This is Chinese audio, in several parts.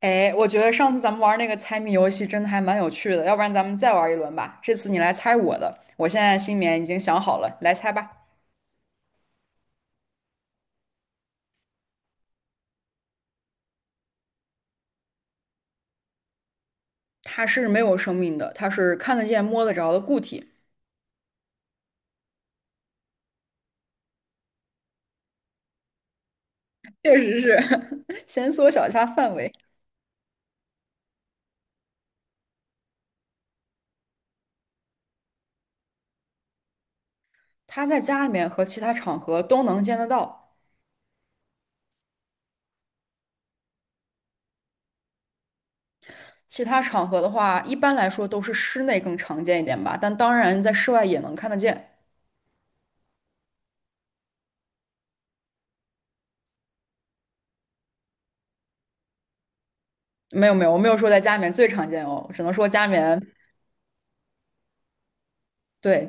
哎，我觉得上次咱们玩那个猜谜游戏真的还蛮有趣的，要不然咱们再玩一轮吧。这次你来猜我的，我现在心里面已经想好了，来猜吧。它是没有生命的，它是看得见、摸得着的固体。确实是，先缩小一下范围。它在家里面和其他场合都能见得到。其他场合的话，一般来说都是室内更常见一点吧，但当然在室外也能看得见。没有没有，我没有说在家里面最常见哦，只能说家里面，对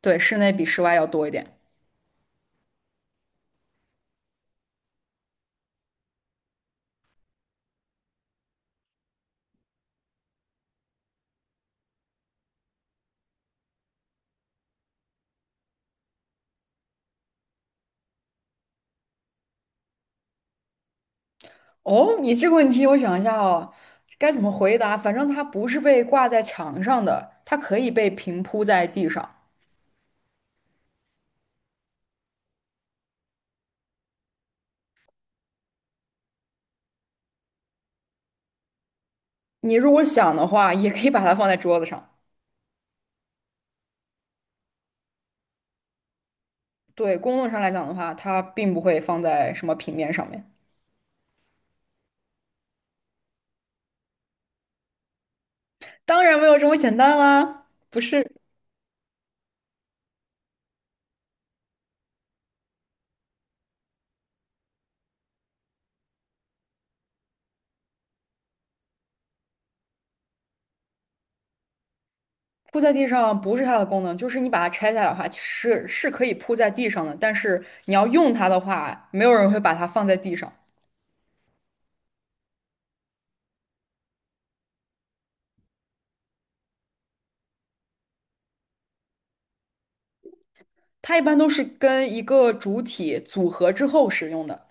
对，室内比室外要多一点。哦，你这个问题我想一下哦，该怎么回答？反正它不是被挂在墙上的，它可以被平铺在地上。你如果想的话，也可以把它放在桌子上。对，公论上来讲的话，它并不会放在什么平面上面。当然没有这么简单啦，不是铺在地上不是它的功能，就是你把它拆下来的话，是可以铺在地上的，但是你要用它的话，没有人会把它放在地上。它一般都是跟一个主体组合之后使用的。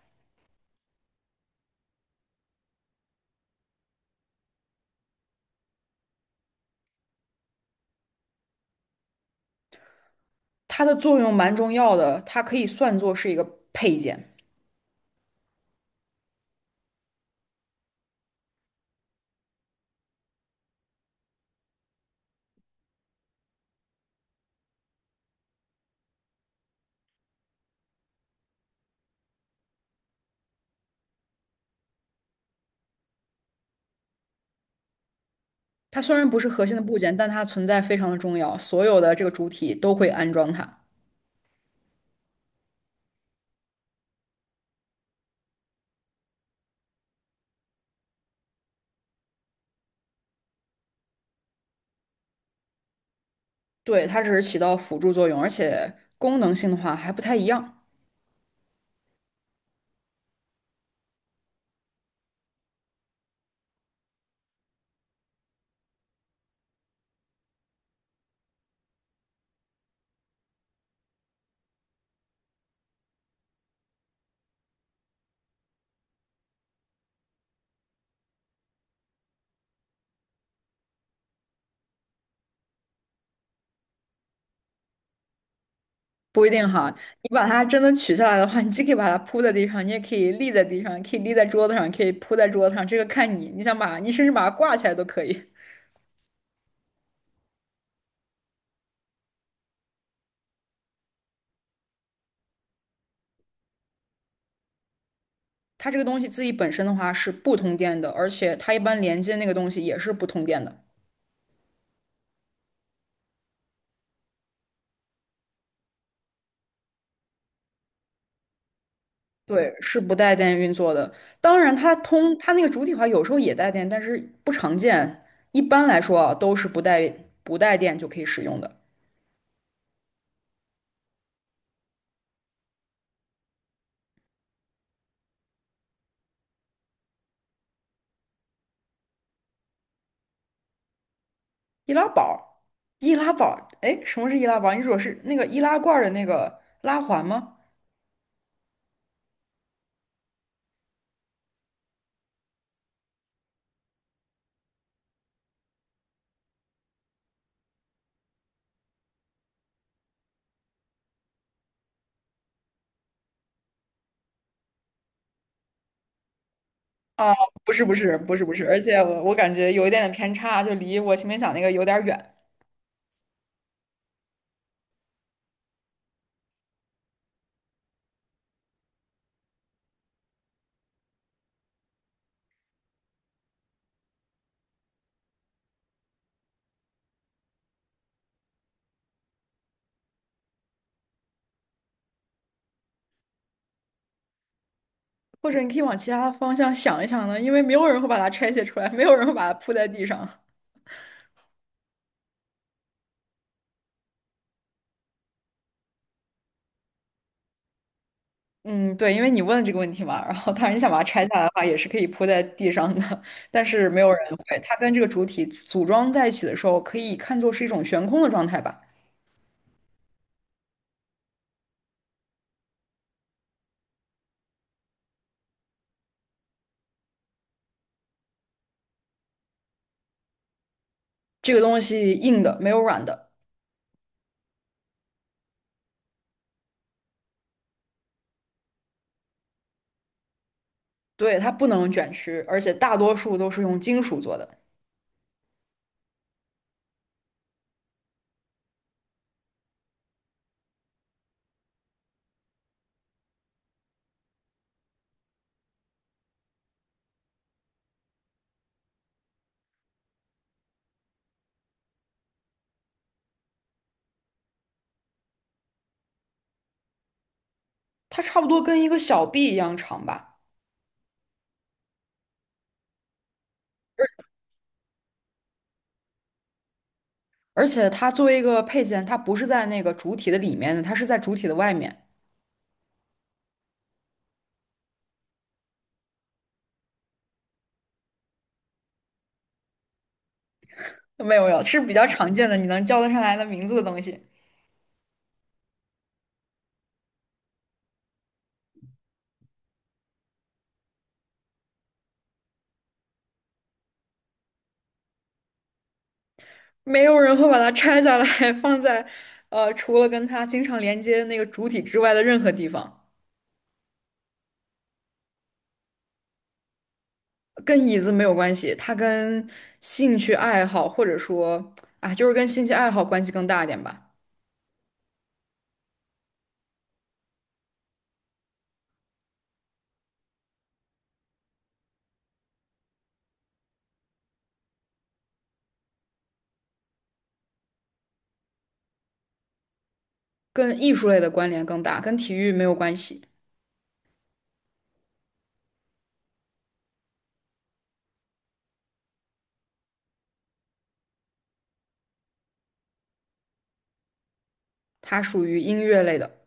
它的作用蛮重要的，它可以算作是一个配件。它虽然不是核心的部件，但它存在非常的重要，所有的这个主体都会安装它。对，它只是起到辅助作用，而且功能性的话还不太一样，不一定哈。你把它真的取下来的话，你既可以把它铺在地上，你也可以立在地上，可以立在桌子上，可以铺在桌子上，这个看你，你想把你甚至把它挂起来都可以。它这个东西自己本身的话是不通电的，而且它一般连接那个东西也是不通电的。对，是不带电运作的。当然，它通它那个主体化有时候也带电，但是不常见。一般来说啊，都是不带电就可以使用的。易拉宝，易拉宝，哎，什么是易拉宝？你说是那个易拉罐儿的那个拉环吗？啊，不是，不是，不是，不是。而且我感觉有一点点偏差，就离我前面讲那个有点远。或者你可以往其他的方向想一想呢，因为没有人会把它拆卸出来，没有人会把它铺在地上。嗯，对，因为你问了这个问题嘛，然后当然你想把它拆下来的话，也是可以铺在地上的，但是没有人会。它跟这个主体组装在一起的时候，可以看作是一种悬空的状态吧。这个东西硬的，没有软的，对，它不能卷曲，而且大多数都是用金属做的，它差不多跟一个小臂一样长吧。而且它作为一个配件，它不是在那个主体的里面的，它是在主体的外面。没有没有，是比较常见的，你能叫得上来的名字的东西。没有人会把它拆下来 放在，除了跟它经常连接那个主体之外的任何地方，跟椅子没有关系，它跟兴趣爱好或者说啊，就是跟兴趣爱好关系更大一点吧，跟艺术类的关联更大，跟体育没有关系，它属于音乐类的。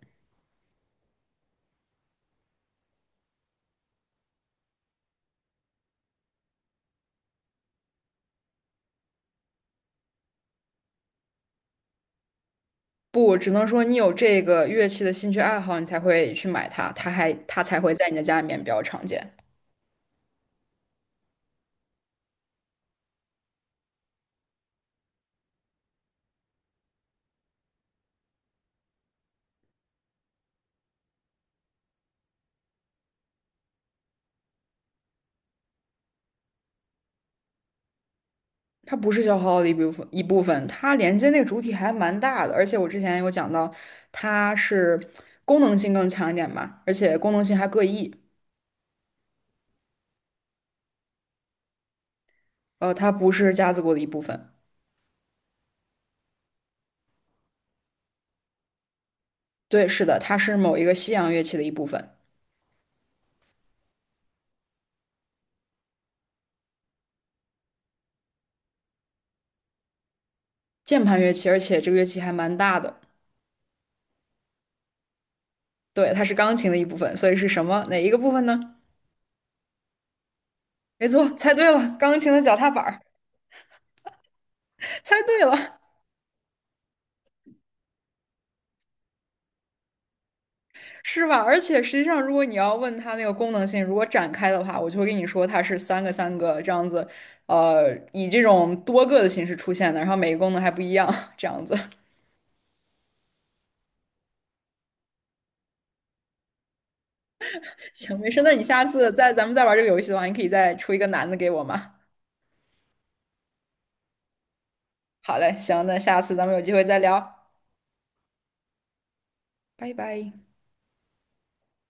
不，只能说你有这个乐器的兴趣爱好，你才会去买它，它才会在你的家里面比较常见。它不是消耗的一部分，它连接那个主体还蛮大的，而且我之前有讲到，它是功能性更强一点嘛，而且功能性还各异，它不是架子鼓的一部分。对，是的，它是某一个西洋乐器的一部分，键盘乐器，而且这个乐器还蛮大的。对，它是钢琴的一部分，所以是什么？哪一个部分呢？没错，猜对了，钢琴的脚踏板儿，猜对了。是吧？而且实际上，如果你要问它那个功能性，如果展开的话，我就会跟你说它是三个三个这样子，以这种多个的形式出现的，然后每个功能还不一样，这样子。行，没事，那你下次再咱们再玩这个游戏的话，你可以再出一个难的给我吗？好嘞，行，那下次咱们有机会再聊，拜拜。